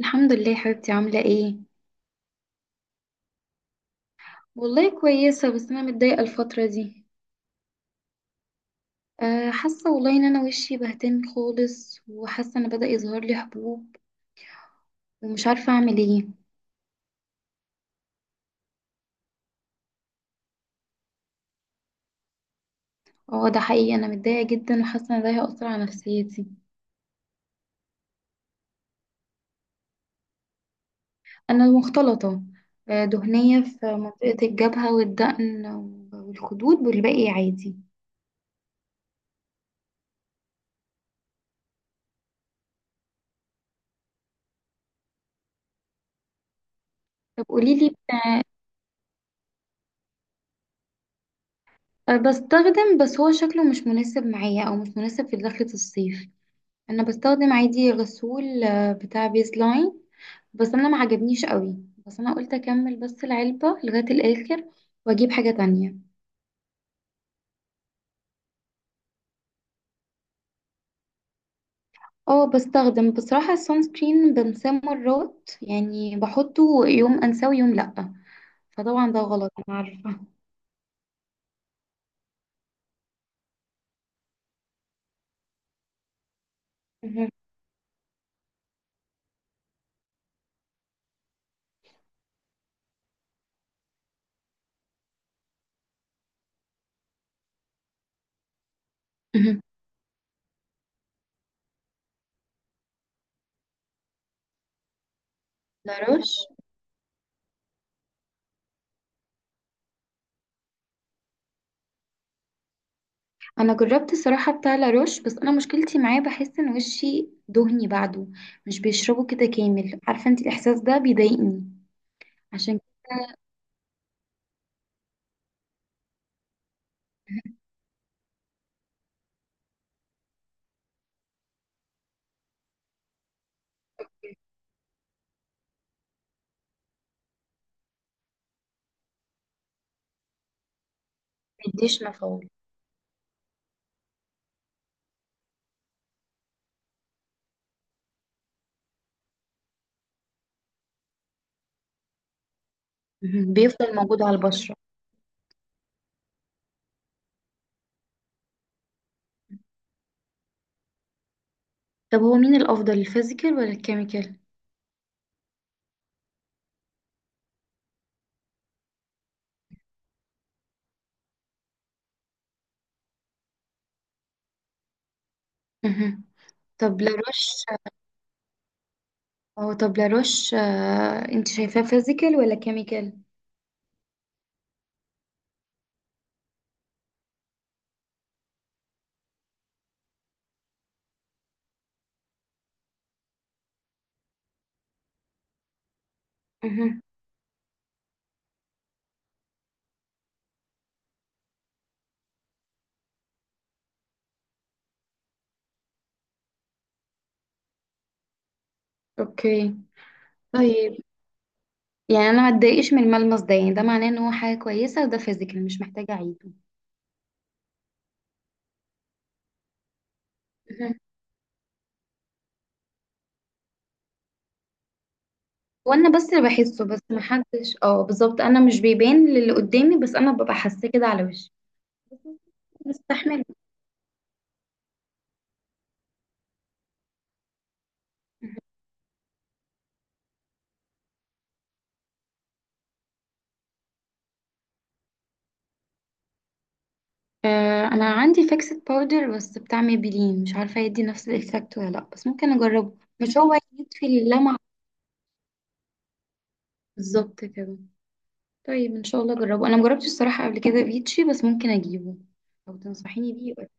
الحمد لله يا حبيبتي، عاملة ايه؟ والله كويسة، بس أنا متضايقة الفترة دي. حاسة والله إن أنا وشي بهتان خالص وحاسة إن بدأ يظهر لي حبوب. ومش عارفة أعمل ايه. اه، ده حقيقي، أنا متضايقة جدا وحاسة إن ده هيأثر على نفسيتي. أنا مختلطة. دهنية في منطقة الجبهة والدقن والخدود، والباقي عادي. طب قوليلي. بستخدم، بس هو شكله مش مناسب معايا أو مش مناسب في دخلة الصيف. أنا بستخدم عادي غسول بتاع بيز لاين. بس انا ما عجبنيش قوي. بس انا قلت اكمل بس العلبة لغاية الاخر واجيب حاجة تانية. اه، بستخدم، بصراحة السون سكرين بنساه مرات، يعني بحطه يوم انساه ويوم لأ. فطبعا ده غلط، انا عارفة. مهم. مهم. لاروش. انا جربت الصراحة بتاع لاروش، بس انا مشكلتي معاه بحس ان وشي دهني بعده. مش بيشربه كده كامل، عارفة انت. الاحساس ده بيضايقني. عشان مديش مفعول. مهم. بيفضل موجود على البشرة. طب هو مين الافضل، الفيزيكال ولا الكيميكال؟ مهم. طب لاروش. او طب لاروش، انت شايفاه فيزيكال ولا كيميكال؟ مهم. اوكي. طيب. يعني انا ما اتضايقش من الملمس ده، يعني ده معناه ان هو حاجه كويسه وده فيزيكال، مش محتاجه اعيده. مهم. وانا بس اللي بحسه، بس ما حدش، اه بالظبط، انا مش بيبان للي قدامي، بس انا ببقى حاساه كده على وشي. بستحمله. انا عندي فيكسد باودر بس بتاع ميبلين، مش عارفه يدي نفس الايفكت ولا لا، بس ممكن اجربه، مش هو يدفي اللمعه. بالظبط كده. طيب ان شاء الله اجربه، انا مجربتش الصراحه قبل كده فيتشي، بس ممكن اجيبه. لو تنصحيني بيه يبقى.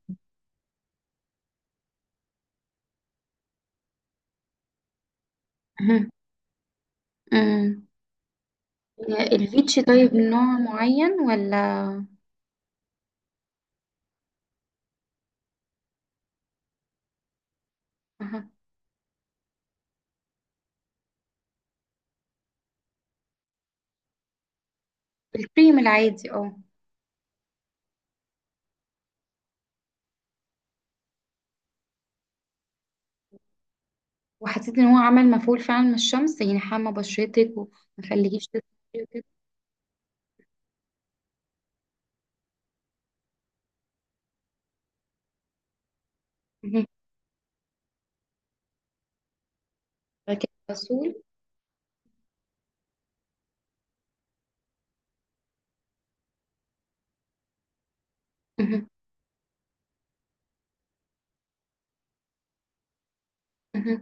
أها. أمم. الفيتشي طيب نوع معين ولا؟ أها. الكريم العادي، اه. وحسيت ان هو عمل مفعول فعلا من الشمس، يعني حمى بشرتك وما. خليكيش تسخني وكده. أها. فكان مسؤول. أها. أها.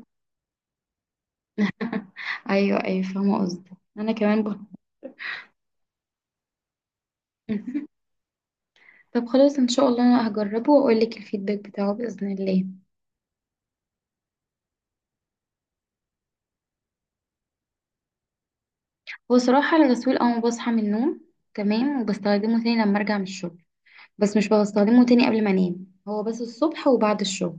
ايوه ايوه، فاهمه قصدك. انا كمان بقى. طب خلاص ان شاء الله انا هجربه واقول لك الفيدباك بتاعه باذن الله. وصراحة الغسول أول ما بصحى من النوم. تمام، وبستخدمه تاني لما أرجع من الشغل. بس مش بستخدمه تاني قبل ما أنام، هو بس الصبح وبعد الشغل.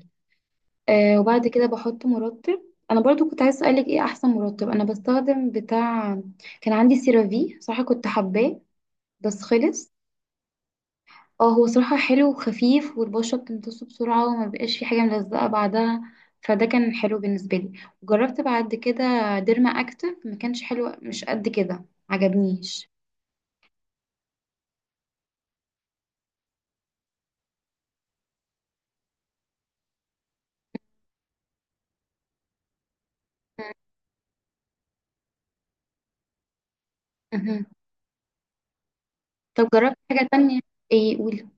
وبعد كده بحط مرطب. أنا برضو كنت عايز أسألك إيه أحسن مرطب. أنا بستخدم بتاع. كان عندي سيرافي، صراحة كنت حباه، بس خلص. اه، هو صراحة حلو وخفيف، والبشرة بتمتصه بسرعة وما بقاش في حاجة ملزقة بعدها. فده كان حلو بالنسبة لي. وجربت بعد كده ديرما أكتف، ما كانش حلو، مش قد كده. عجبنيش. طب جربت حاجة تانية؟ ايه، قولي.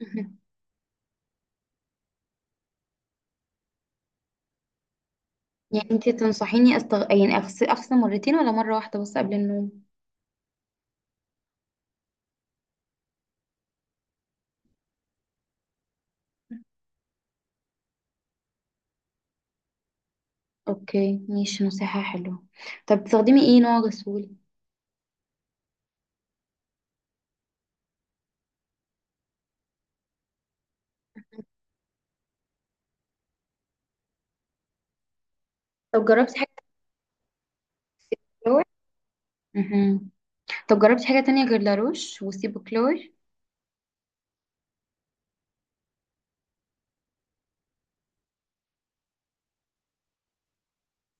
مهم. يعني انتي تنصحيني يعني اغسل مرتين ولا مرة واحدة بس قبل النوم؟ اوكي، ماشي، نصيحة حلوة. طب بتستخدمي ايه نوع غسول؟ طب جربتي حاجة. كلور. مهم. طب جربتي حاجة تانية غير لاروش وسيبو كلور؟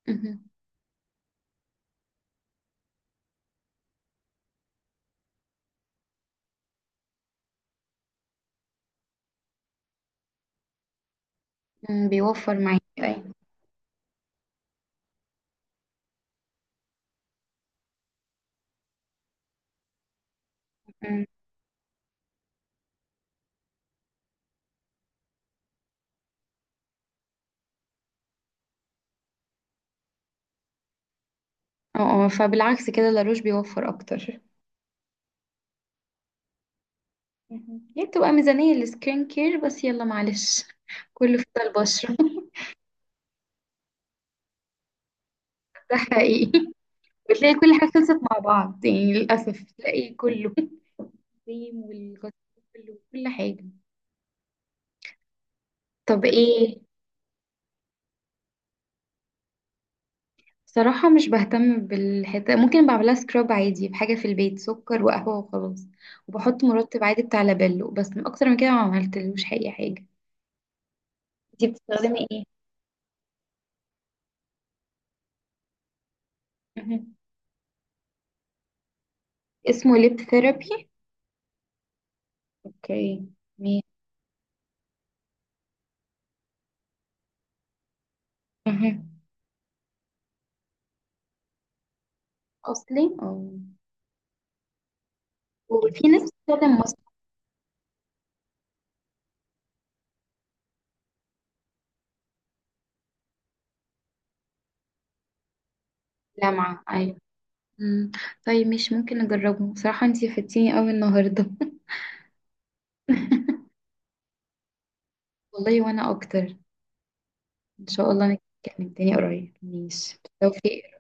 مهم. مم، بيوفر معاكي، ايوه. مم. اه، اه، فبالعكس كده لاروش بيوفر اكتر. مهم. هي بتبقى ميزانية للسكين كير، بس يلا معلش. كله في البشرة. ده حقيقي. وتلاقي كل حاجة خلصت مع بعض، يعني للأسف تلاقي كله، الكريم والغسيل وكل حاجة. طب ايه؟ صراحة مش بهتم بالحتة، ممكن بعملها سكراب عادي بحاجة في البيت، سكر وقهوة وخلاص. وبحط مرطب عادي بتاع لابيلو، بس من أكتر من كده ما عملتلوش أي حاجة. انتي بتستخدمي ايه؟ مهم. اسمه ليب ثيرابي. اوكي. مين؟ مهم. اصلي، اه. وفي ناس بتستخدم ماسك. لمعة، ايوه. مم. طيب، مش ممكن اجربه بصراحة، انتي فدتيني قوي النهاردة. والله وانا اكتر. ان شاء الله. نتكلم تاني قريب، ماشي، بالتوفيق.